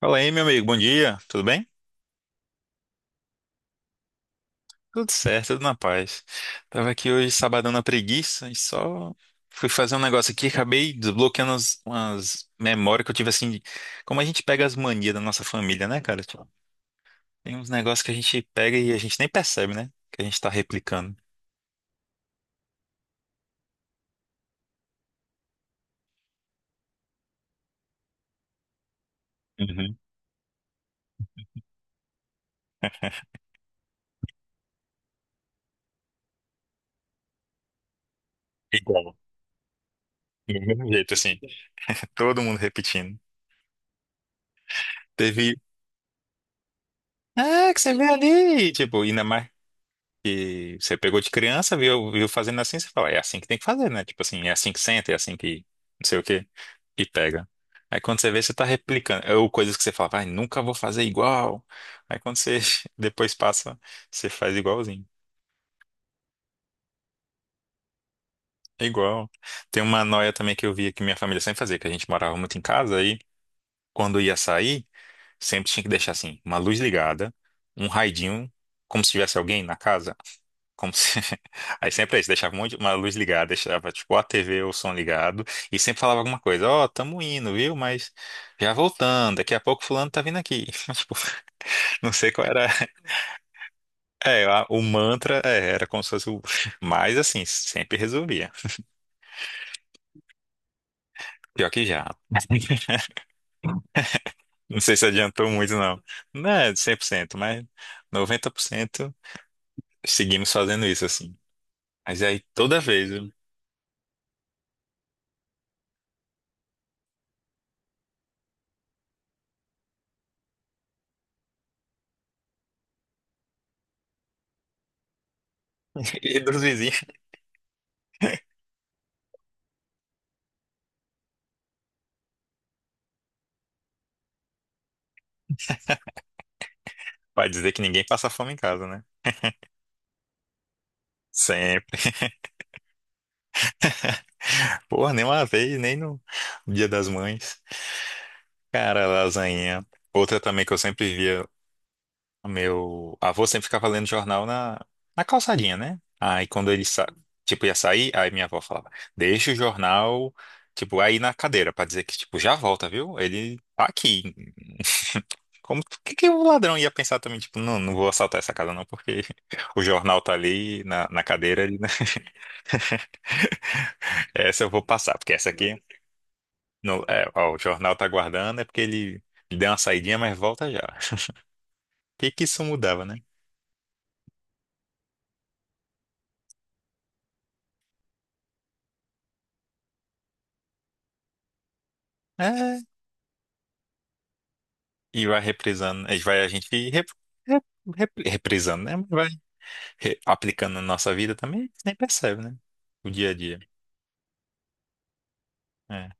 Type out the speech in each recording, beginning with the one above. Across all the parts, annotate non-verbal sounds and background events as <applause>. Fala aí, meu amigo, bom dia, tudo bem? Tudo certo, tudo na paz. Tava aqui hoje sabadão na preguiça e só fui fazer um negócio aqui, acabei desbloqueando umas memórias que eu tive assim, como a gente pega as manias da nossa família, né, cara? Tipo, tem uns negócios que a gente pega e a gente nem percebe, né? Que a gente tá replicando. Uhum. Igual. Do mesmo jeito, assim. <laughs> Todo mundo repetindo. Teve. É, que você vê ali. Tipo, ainda mais. Que você pegou de criança, viu, viu fazendo assim, você fala, é assim que tem que fazer, né? Tipo assim, é assim que senta, é assim que não sei o quê, e pega. Aí quando você vê, você tá replicando, ou coisas que você fala, vai, nunca vou fazer igual. Aí quando você <laughs> depois passa, você faz igualzinho. É igual. Tem uma noia também que eu via que minha família sempre fazia, que a gente morava muito em casa, aí quando ia sair, sempre tinha que deixar assim, uma luz ligada, um raidinho, como se tivesse alguém na casa. Como se... <laughs> Aí sempre é isso, deixava uma luz ligada, deixava tipo a TV ou o som ligado e sempre falava alguma coisa, ó, tamo indo, viu? Mas já voltando, daqui a pouco fulano tá vindo aqui. <laughs> Tipo, não sei qual era. <laughs> É, o mantra é, era como se fosse o... Mas assim, sempre resolvia. Pior que já. <laughs> Não sei se adiantou muito, não. Não é 100%, mas 90% seguimos fazendo isso assim. Mas aí toda vez, <laughs> e dos vizinhos, <laughs> pra dizer que ninguém passa fome em casa, né? Sempre. Porra, nem uma vez, nem no Dia das Mães. Cara, lasanha. Outra também que eu sempre via, o meu avô sempre ficava lendo jornal na calçadinha, né? Aí quando ele sa... tipo, ia sair, aí minha avó falava, deixa o jornal, tipo, aí na cadeira, pra dizer que, tipo, já volta, viu? Ele tá aqui. <laughs> Como o que que o ladrão ia pensar também, tipo, não, não vou assaltar essa casa não, porque <laughs> o jornal tá ali na cadeira, ele, né? <laughs> Essa eu vou passar, porque essa aqui. É, ó, o jornal tá aguardando, é porque ele deu uma saidinha, mas volta já. O que que isso mudava, né? É, e vai reprisando, a gente vai, a gente rep, rep, rep- reprisando, né? Vai aplicando na nossa vida também, a gente nem percebe, né? O dia a dia. É.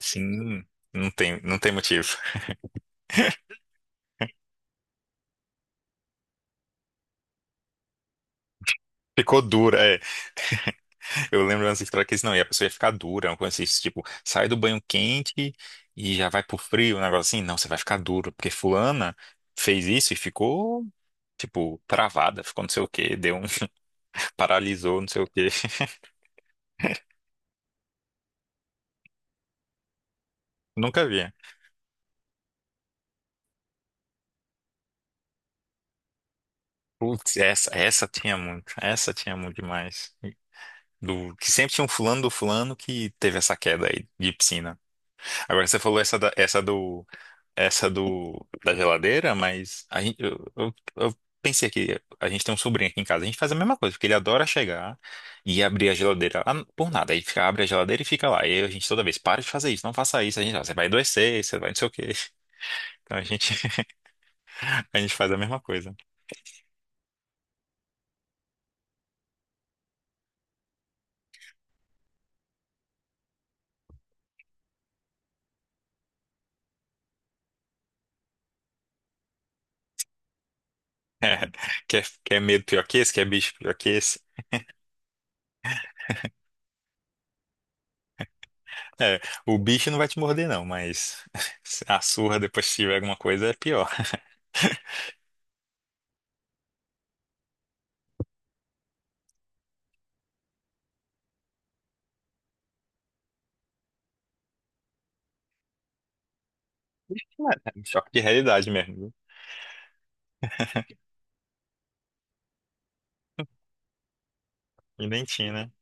Sim, não tem motivo. <laughs> Ficou dura, é. Eu lembro antes história que eles, não, e a pessoa ia ficar dura, uma coisa assim, tipo, sai do banho quente e já vai pro frio, um negócio assim, não, você vai ficar duro, porque fulana fez isso e ficou tipo, travada, ficou não sei o quê, deu um, <laughs> paralisou, não sei o quê. <laughs> Nunca vi. Putz, essa tinha muito, essa tinha muito demais. Do, que sempre tinha um fulano do fulano que teve essa queda aí de piscina. Agora você falou essa, da- essa do, da geladeira, mas a gente, eu pensei que a gente tem um sobrinho aqui em casa, a gente faz a mesma coisa, porque ele adora chegar e abrir a geladeira ah, por nada. Aí fica, abre a geladeira e fica lá. E aí a gente toda vez, para de fazer isso, não faça isso, a gente, "Ah, você vai adoecer, você vai não sei o quê. <laughs> Então a gente A gente faz a mesma coisa. <laughs> É, quer medo pior que esse? Quer bicho pior que esse? É, o bicho não vai te morder, não, mas <laughs> a surra depois se tiver alguma coisa é pior. <laughs> É, um choque de realidade mesmo, viu? E nem tinha, né?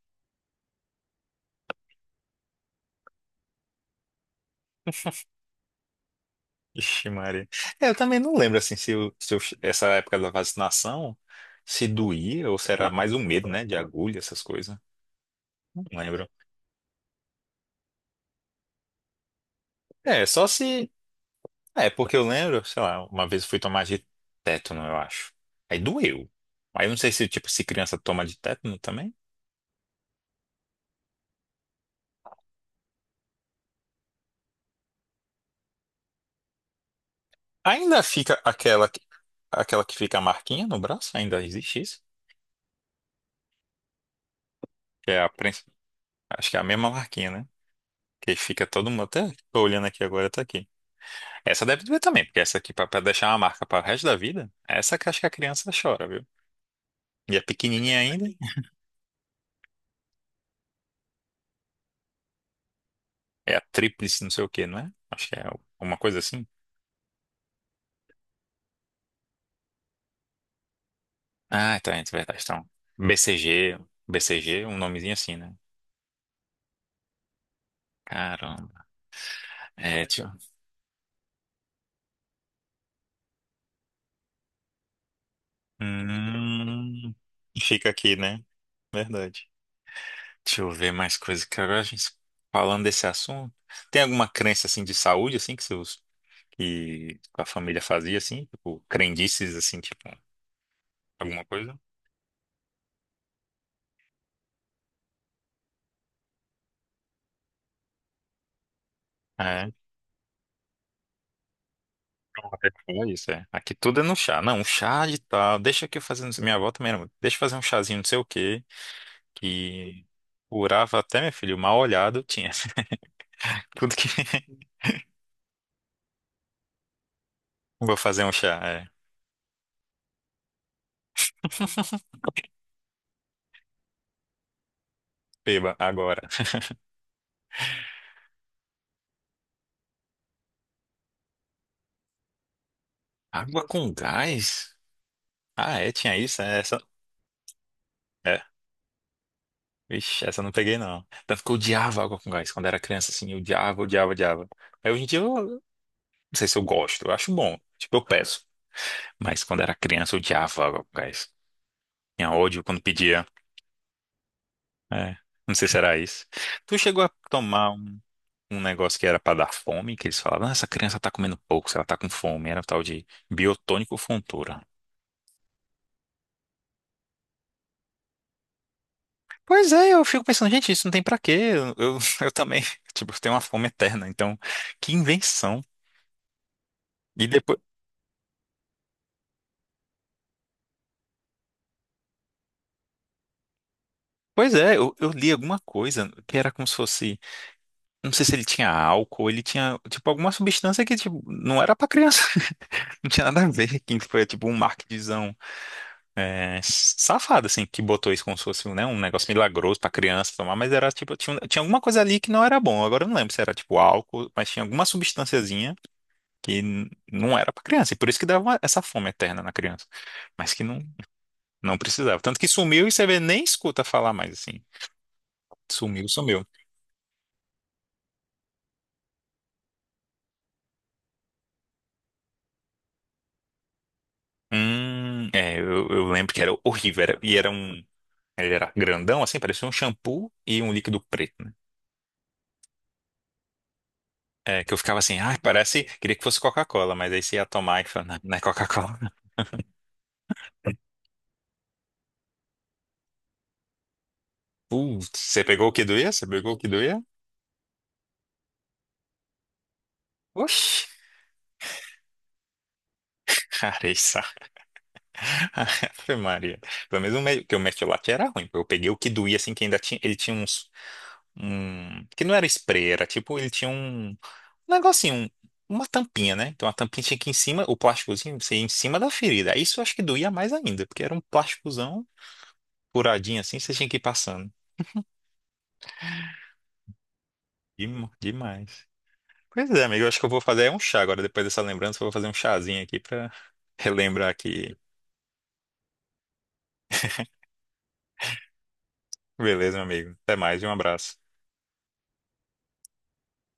Ixi, Maria. É, eu também não lembro, assim, se, essa época da vacinação se doía ou se era mais o medo, né? De agulha, essas coisas. Não lembro. É, só se. É, porque eu lembro, sei lá, uma vez eu fui tomar de tétano, eu acho. Aí doeu. Aí eu não sei se, tipo, se criança toma de tétano também. Ainda fica aquela, aquela que fica a marquinha no braço? Ainda existe isso? Que é a, acho que é a mesma marquinha, né? Que fica todo mundo até. Tô olhando aqui agora, tá aqui. Essa deve doer também, porque essa aqui, pra deixar uma marca para o resto da vida, essa que acho que a criança chora, viu? E é pequenininha ainda. É a tríplice, não sei o quê, não é? Acho que é uma coisa assim. Ah, então, é verdade. Então, BCG, BCG, um nomezinho assim, né? Caramba. É, tio. Hum, fica aqui, né? Verdade. Deixa eu ver mais coisas que agora a gente falando desse assunto. Tem alguma crença assim de saúde assim que seus que a família fazia assim, tipo crendices assim, tipo alguma coisa? É, então até que falar isso, é. Aqui tudo é no chá. Não, um chá de tal. Deixa que eu fazer, não sei- minha avó também era muito. Deixa eu fazer um chazinho, não sei o quê. Que curava até, meu filho, mal olhado tinha. <laughs> Tudo que. Vou fazer um chá, é. Beba agora. Água com gás? Ah, é, tinha isso, é, essa. É. Vixe, essa eu não peguei, não. Tanto que eu odiava água com gás. Quando era criança, assim, eu odiava, odiava, odiava. Aí hoje em dia eu não sei se eu gosto, eu acho bom. Tipo, eu peço. Mas quando era criança, eu odiava água com gás. Tinha ódio quando pedia. É. Não sei se era isso. Tu chegou a tomar um negócio que era para dar fome, que eles falavam, "Ah, essa criança tá comendo pouco, se ela tá com fome, era o tal de biotônico fontura. Pois é, eu fico pensando, gente, isso não tem pra quê? <laughs> Eu também, tipo, eu tenho uma fome eterna, então, que invenção. E depois, pois é, eu li alguma coisa que era como se fosse, não sei se ele tinha álcool, ele tinha, tipo, alguma substância que, tipo, não era pra criança, <laughs> não tinha nada a ver, que foi, tipo, um marketingzão. É safado, assim, que botou isso como se fosse, né, um negócio milagroso pra criança tomar, mas era tipo, tinha alguma coisa ali que não era bom. Agora eu não lembro se era tipo álcool, mas tinha alguma substânciazinha que não era pra criança. E por isso que dava essa fome eterna na criança. Mas que não, não precisava. Tanto que sumiu e você vê, nem escuta falar mais, assim. Sumiu, sumiu. É, eu lembro que era horrível. Era, e era um. Ele era grandão, assim, parecia um shampoo e um líquido preto, né? É, que eu ficava assim, ai, parece. Queria que fosse Coca-Cola, mas aí você ia tomar e falava, não, não é Coca-Cola. Putz, você pegou o que doía? Você pegou o que doía? Oxi, cara, isso. <laughs> Ave Maria. Pelo menos que o Mertiolate era ruim. Eu peguei o que doía, assim, que ainda tinha. Ele tinha uns. Um, que não era spray, era tipo, ele tinha um negocinho, uma tampinha, né? Então a tampinha tinha que ir em cima, o plásticozinho, você ia em cima da ferida. Isso eu acho que doía mais ainda, porque era um plásticozão furadinho assim, você tinha que ir passando. Demais. Pois é, amigo, eu acho que eu vou fazer um chá agora, depois dessa lembrança, eu vou fazer um chazinho aqui pra relembrar que. Beleza, meu amigo. Até mais e um abraço.